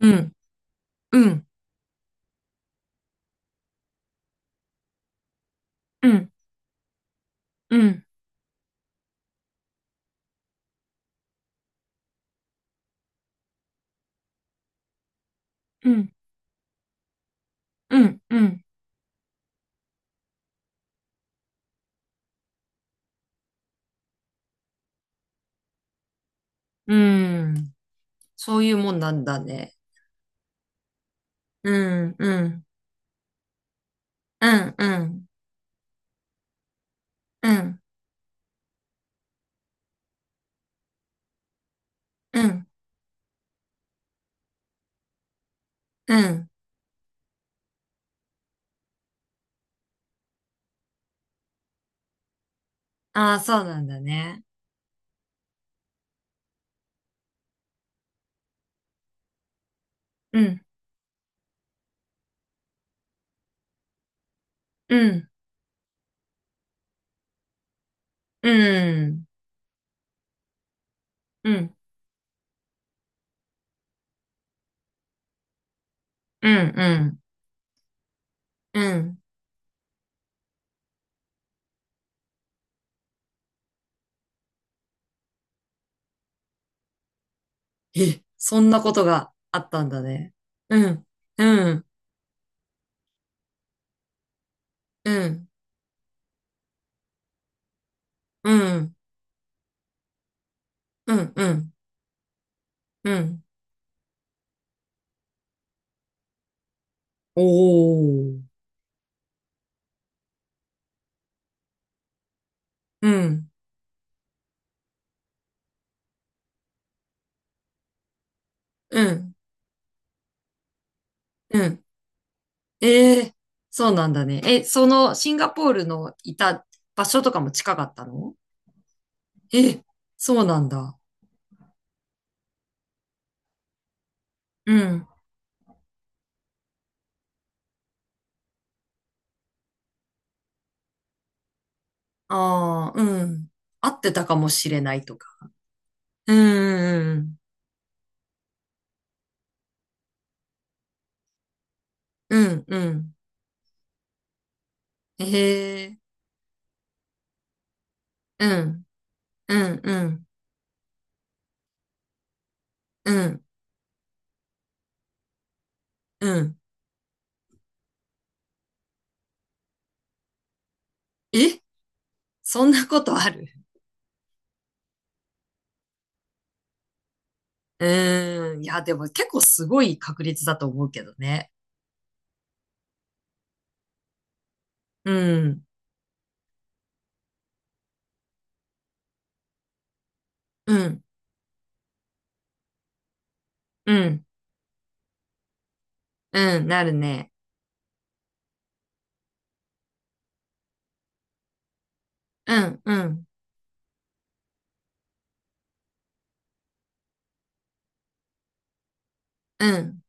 うん、うん、うん、うん、うん、うん、うん、うん。そういうもんなんだね。うん、うん、うん、うん、うん、うん、うん。ああ、そうなんだね。うん、うん、うん、うん、うん、うん、うん。え、そんなことがあったんだね。うん、うん、うん、うん、うん、うん、うん。おお。うん、うん、うん、ええ、そうなんだね。え、そのシンガポールのいた場所とかも近かったの？え、そうなんだ。うん。ああ、うん。合ってたかもしれないとか。うん、うん、うん、うん。ええ、うん、うん、うん、うん、うん。え、そんなことある？ うーん。いや、でも結構すごい確率だと思うけどね。うん、うん、うん、うん、なるね。うん、うん、うん。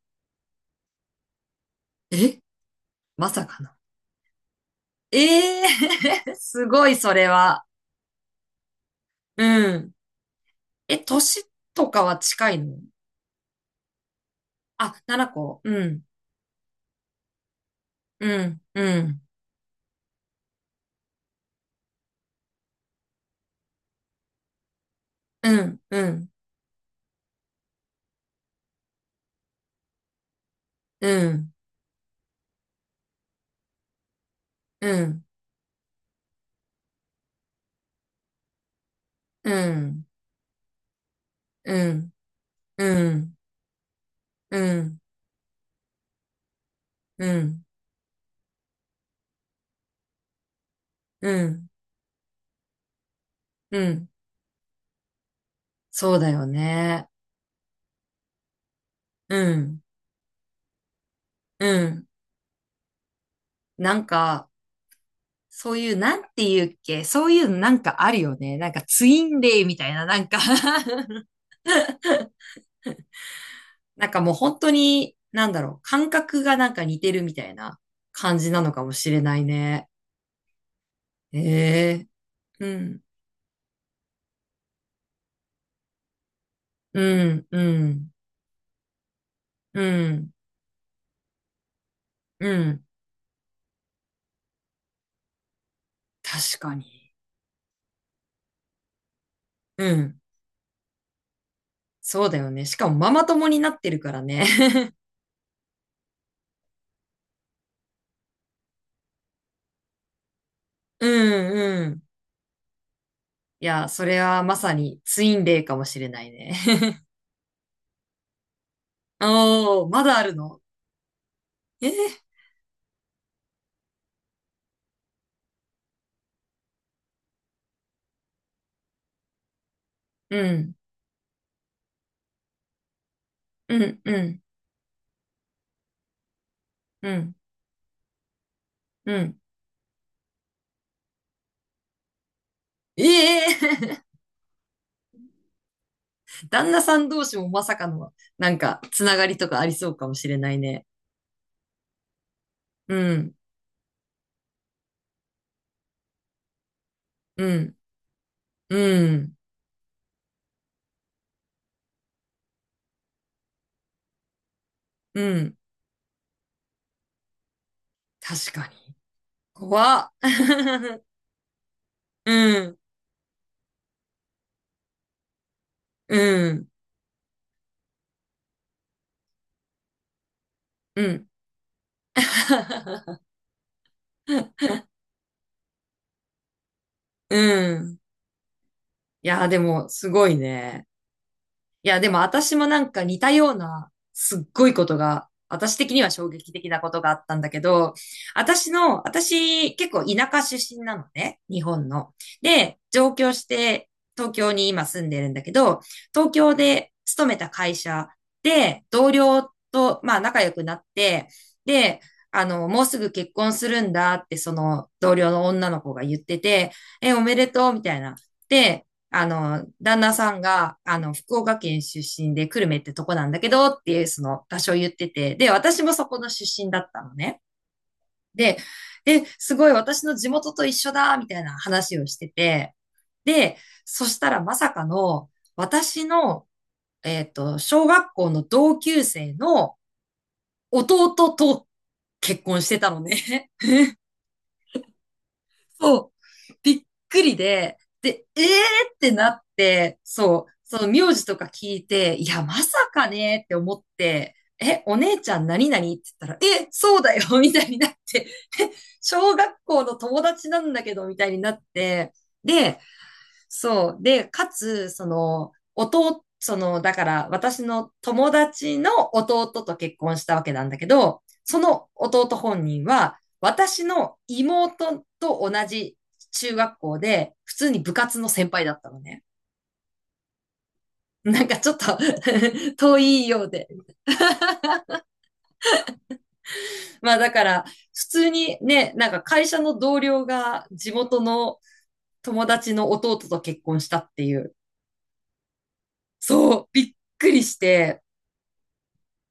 え、まさかの。ええー すごい、それは。うん。え、年とかは近いの？あ、七個。うん、うん、うん、うん、うん、うん、うん、うん、うん、うん、うん、うん、うん、うん。そうだよね。うん、うん。なんか、そういう、なんていうっけ、そういうなんかあるよね。なんかツインレイみたいな、なんか なんかもう本当に、なんだろう、感覚がなんか似てるみたいな感じなのかもしれないね。ええ、うん、うん、うん、うん、うん。確かに。うん。そうだよね。しかもママ友になってるからね。うん、うん。いや、それはまさにツインレイかもしれないね。おー、まだあるの？えー、うん、うん、うん、うん、うん。ええ 旦那さん同士もまさかの、なんか、つながりとかありそうかもしれないね。うん、うん、うん、うん。確かに。怖っ。うん、うん、うん。うん。いやー、でも、すごいね。いや、でも私もなんか似たような、すっごいことが、私的には衝撃的なことがあったんだけど、私結構田舎出身なのね、日本の。で、上京して東京に今住んでるんだけど、東京で勤めた会社で同僚と、まあ仲良くなって、で、もうすぐ結婚するんだって、その同僚の女の子が言ってて、え、おめでとうみたいな。で、旦那さんが、福岡県出身で、久留米ってとこなんだけど、っていう、その場所を言ってて、で、私もそこの出身だったのね。で、で、すごい私の地元と一緒だ、みたいな話をしてて、で、そしたらまさかの、私の、小学校の同級生の弟と結婚してたのね。そう。びっくりで、えーってなって、そう、その名字とか聞いて、いや、まさかねって思って、え、お姉ちゃん何々って言ったら、え、そうだよ みたいになって、小学校の友達なんだけど、みたいになって、で、そう。で、かつ、その、弟、その、だから私の友達の弟と結婚したわけなんだけど、その弟本人は、私の妹と同じ中学校で、普通に部活の先輩だったのね。なんかちょっと 遠いようで。まあだから、普通にね、なんか会社の同僚が地元の友達の弟と結婚したっていう。そう、びっくりして、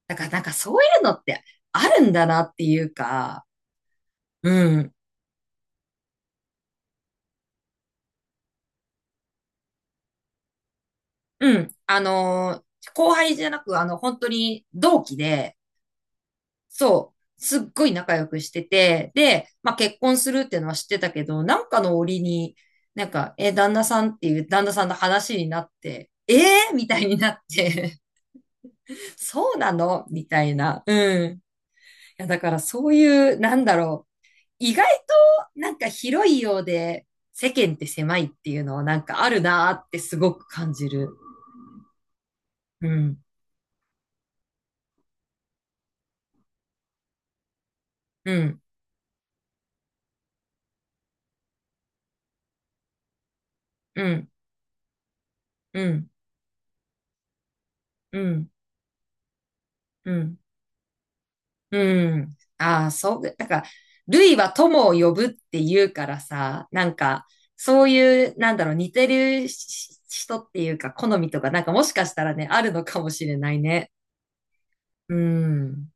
だからなんかそういうのってあるんだなっていうか、うん。うん。後輩じゃなく、本当に同期で、そう、すっごい仲良くしてて、で、まあ結婚するっていうのは知ってたけど、なんかの折に、なんか、え、旦那さんっていう旦那さんの話になって、えー、みたいになって、そうなのみたいな。うん。いや、だからそういう、なんだろう。意外となんか広いようで世間って狭いっていうのはなんかあるなーってすごく感じる。うん、うん、うん、うん、うん、うん、うん。ああ、そう、なんか、類は友を呼ぶって言うからさ、なんか、そういう、なんだろう、似てるし人っていうか、好みとか、なんかもしかしたらね、あるのかもしれないね。うん。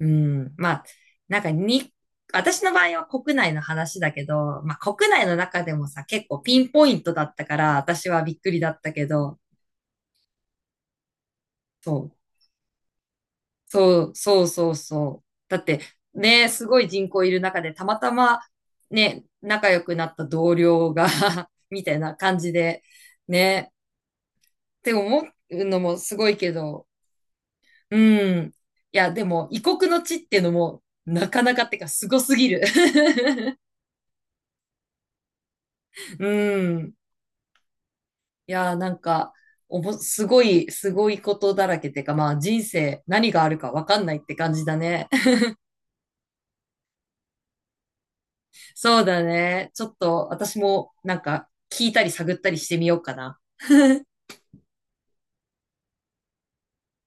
うん。まあ、なんかに、私の場合は国内の話だけど、まあ国内の中でもさ、結構ピンポイントだったから、私はびっくりだったけど、そう、そう、そう、そうそう。だって、ね、すごい人口いる中で、たまたま、ね、仲良くなった同僚が みたいな感じで、ね、って思うのもすごいけど、うん。いや、でも、異国の地っていうのも、なかなかってか、すごすぎる。うん。いやーなんか、すごい、すごいことだらけってか、まあ人生何があるかわかんないって感じだね。そうだね。ちょっと私もなんか聞いたり探ったりしてみようかな。